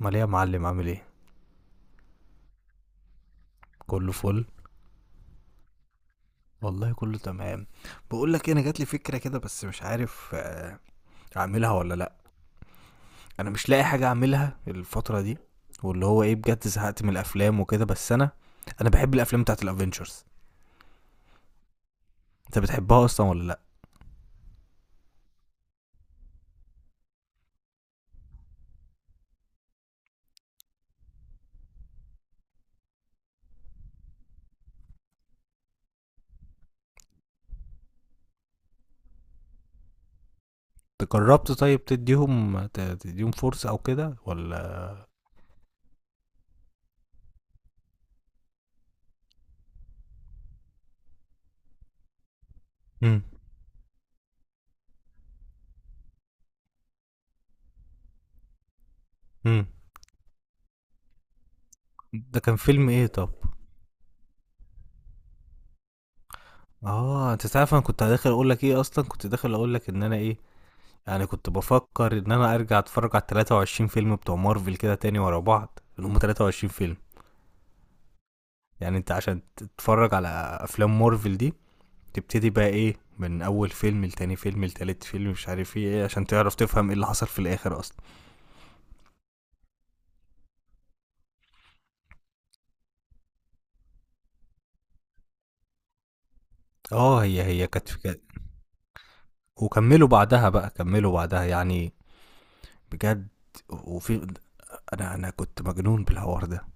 امال ايه يا معلم؟ عامل ايه؟ كله فل. والله كله تمام. بقول لك إيه، انا جات لي فكره كده بس مش عارف، اعملها ولا لا. انا مش لاقي حاجه اعملها الفتره دي، واللي هو ايه بجد زهقت من الافلام وكده. بس انا بحب الافلام بتاعت الافينجرز. انت بتحبها اصلا ولا لا؟ أنت جربت طيب تديهم تديهم فرصه او كده ولا؟ امم. امم. ده كان فيلم ايه طب؟ اه، انت تعرف انا كنت داخل اقول لك ايه؟ اصلا كنت داخل اقول لك ان انا ايه، يعني كنت بفكر ان انا ارجع اتفرج على 23 فيلم بتوع مارفل كده تاني ورا بعض، اللي هم 23 فيلم. يعني انت عشان تتفرج على افلام مارفل دي، تبتدي بقى ايه من اول فيلم لتاني فيلم لتالت فيلم مش عارف ايه إيه، عشان تعرف تفهم ايه اللي حصل في الاخر اصلا. اه، هي وكملوا بعدها بقى كملوا بعدها يعني، بجد. وفي انا كنت مجنون بالحوار ده.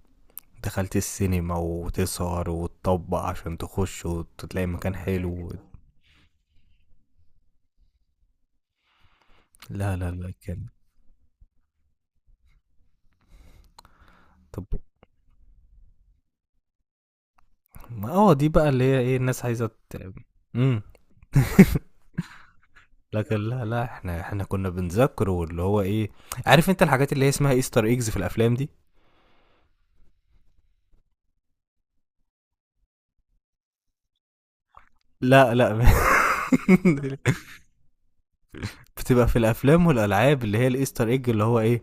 دخلت السينما وتسهر وتطبق عشان تخش وتلاقي مكان حلو. لا لا لا، كان. طب ما دي بقى اللي هي ايه، الناس عايزه امم. لكن لا لا، احنا كنا بنذاكره، واللي هو ايه، عارف انت الحاجات اللي هي اسمها ايستر ايجز في الافلام دي؟ لا لا. بتبقى في الافلام والالعاب، اللي هي الايستر ايج، اللي هو ايه،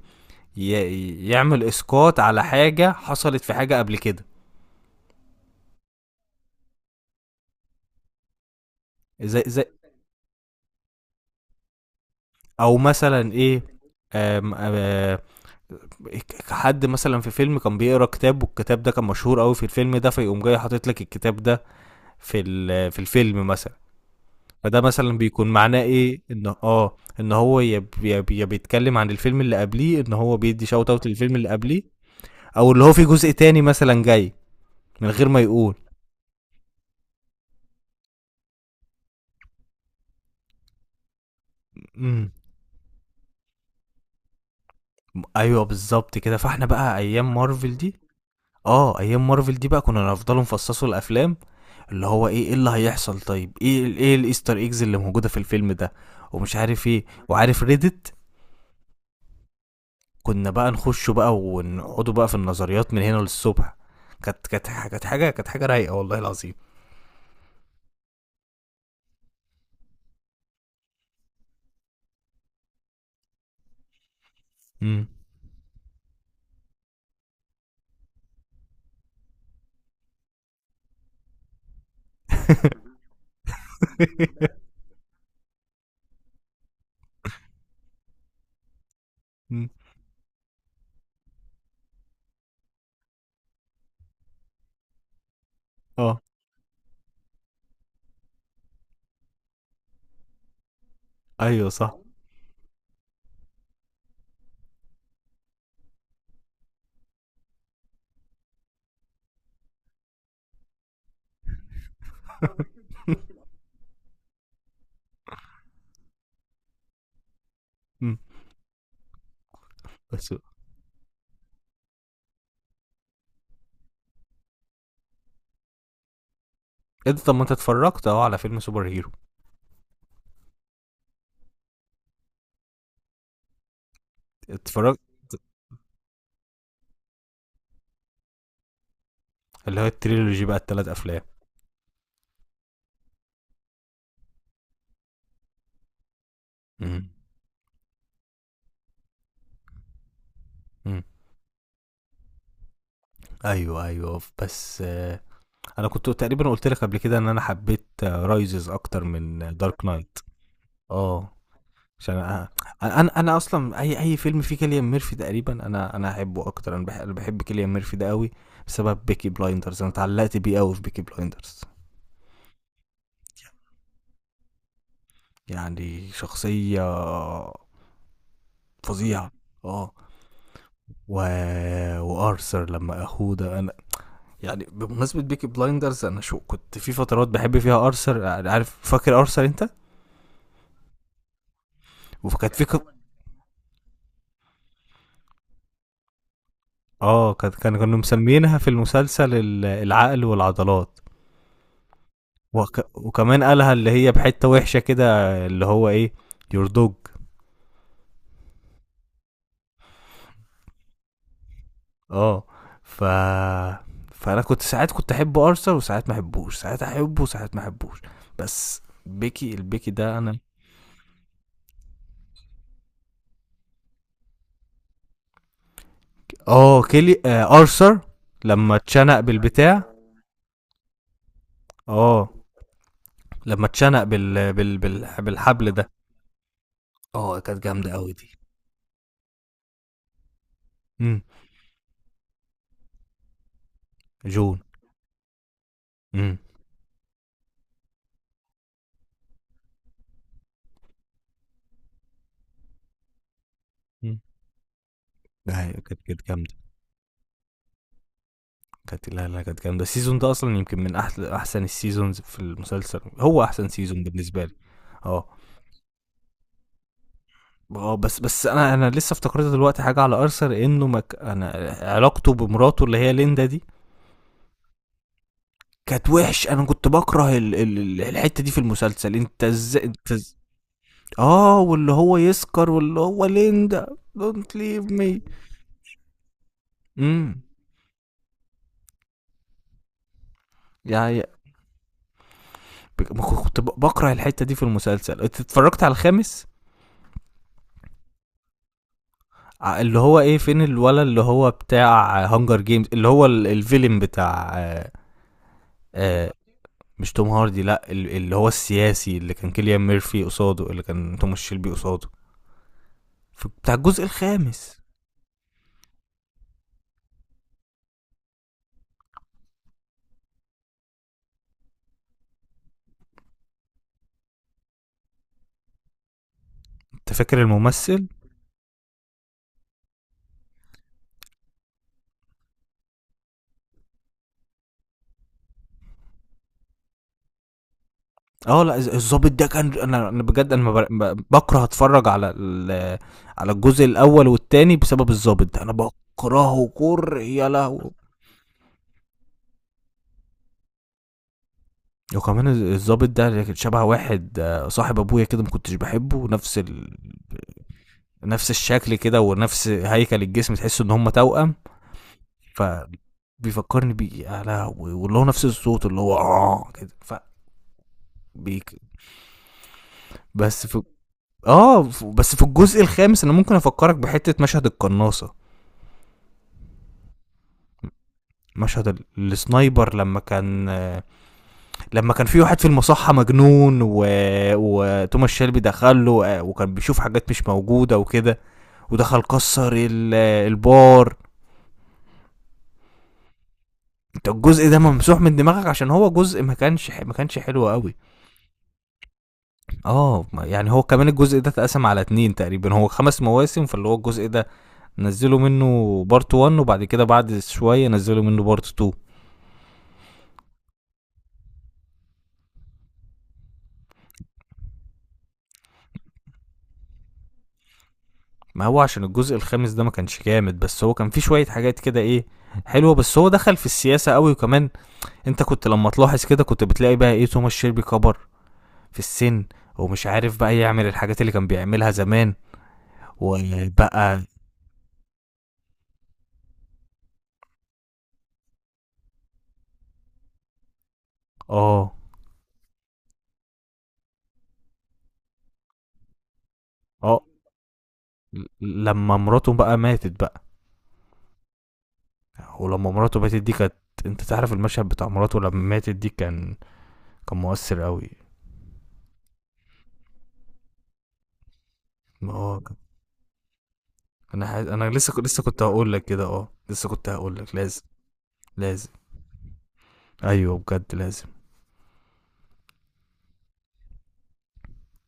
يعمل اسقاط على حاجه حصلت في حاجه قبل كده. زي، او مثلا ايه. آم آم حد مثلا في فيلم كان بيقرا كتاب، والكتاب ده كان مشهور قوي في الفيلم ده، فيقوم جاي حاطط لك الكتاب ده في الفيلم مثلا. فده مثلا بيكون معناه ايه، ان ان هو يا ب- يا ب- يا بيتكلم عن الفيلم اللي قبليه، ان هو بيدي شوت اوت للفيلم اللي قبليه. او اللي هو في جزء تاني مثلا جاي من غير ما يقول. امم. ايوه، بالظبط كده. فاحنا بقى ايام مارفل دي، اه، ايام مارفل دي بقى كنا نفضلوا نفصصوا الافلام. اللي هو ايه، ايه اللي هيحصل، طيب ايه الايستر ايجز اللي موجوده في الفيلم ده، ومش عارف ايه، وعارف ريدت. كنا بقى نخش بقى ونقعدوا بقى في النظريات من هنا للصبح. كانت حاجه رايقه والله العظيم. امم. أمم. اه، ايوه، صح. أمم. بس انت طب ما انت اتفرجت اهو على فيلم سوبر هيرو. اتفرجت اللي هو التريلوجي بقى، الثلاث افلام. امم. أمم. ايوه ايوه، بس انا كنت تقريبا قلت لك قبل كده ان انا حبيت رايزز اكتر من دارك نايت. اه. عشان انا اصلا اي فيلم فيه كيليان ميرفي تقريبا انا احبه اكتر. أنا بحب كيليان ميرفي ده قوي. بسبب بيكي بلايندرز انا اتعلقت بيه قوي في بيكي بلايندرز. يعني شخصية فظيعة. اه. و... وارثر لما اخوه ده انا، يعني بمناسبة بيكي بلايندرز، انا شو كنت في فترات بحب فيها ارثر. يعني عارف، فاكر ارثر انت؟ وكانت في ك- اه، كانت كان كانوا مسمينها في المسلسل العقل والعضلات. وكمان قالها اللي هي بحته وحشه كده، اللي هو ايه، يور دوج. اه. ف فانا كنت ساعات كنت احب ارثر وساعات ما احبوش، ساعات احبه وساعات ما احبوش. بس بيكي البيكي ده انا. اه، كيلي آه ارثر، لما اتشنق بالبتاع. اه، لما اتشنق بالحبل ده. اه، كانت جامده قوي دي. امم. جون. امم. ايوه، كانت جامده. كانت لا لا كانت جامدة. السيزون ده أصلا يمكن من أحسن السيزونز في المسلسل، هو أحسن سيزون بالنسبة لي. اه. اه بس انا لسه افتكرت دلوقتي حاجه على ارثر انه انا، علاقته بمراته اللي هي ليندا دي كانت وحش. انا كنت بكره الحته دي في المسلسل. انت ازاي، اه، واللي هو يسكر، واللي هو ليندا، دونت ليف مي. امم. يعني ما كنت بكره الحته دي في المسلسل. انت اتفرجت على الخامس؟ اللي هو ايه، فين الولا اللي هو بتاع هانجر جيمز، اللي هو الفيلم بتاع آه، آه، مش توم هاردي، لا، اللي هو السياسي، اللي كان كيليان ميرفي قصاده، اللي كان توماس شيلبي قصاده، بتاع الجزء الخامس. انت فاكر الممثل؟ اه، لا، الظابط ده كان. انا بجد انا ما بر- ب- بكره اتفرج على على الجزء الاول والتاني بسبب الظابط ده. انا بكرهه كره. يا لهوي. وكمان الظابط ده شبه واحد، صاحب ابويا كده ما كنتش بحبه. نفس نفس الشكل كده ونفس هيكل الجسم، تحس ان هم توأم. فبيفكرني بيه يا لهوي، واللي هو نفس الصوت اللي هو اه كده. فبيك. بس في، اه. بس في الجزء الخامس انا ممكن افكرك بحته مشهد القناصه، مشهد السنايبر لما كان، لما كان في واحد في المصحه مجنون، وتوماس شيلبي دخل له، وكان بيشوف حاجات مش موجوده وكده. ودخل كسر البار. انت الجزء ده ممسوح من دماغك عشان هو جزء ما كانش حلو قوي. اه. يعني هو كمان الجزء ده اتقسم على اتنين تقريبا، هو خمس مواسم. فاللي هو الجزء ده نزلوا منه بارت 1، وبعد كده بعد شوية نزلوا منه بارت 2. ما هو عشان الجزء الخامس ده ما كانش جامد، بس هو كان فيه شوية حاجات كده ايه حلوة. بس هو دخل في السياسة قوي، وكمان انت كنت لما تلاحظ كده كنت بتلاقي بقى ايه، توماس شيلبي كبر في السن، ومش عارف بقى يعمل الحاجات اللي كان بيعملها زمان. وبقى، اه. اه، لما مراته بقى ماتت بقى، ولما مراته ماتت دي كانت، انت تعرف المشهد بتاع مراته لما ماتت دي كان، كان مؤثر قوي. ما هو كان- انا لسه لسه كنت هقول لك كده، اه، لسه كنت هقول لك لازم. لازم. ايوه بجد لازم.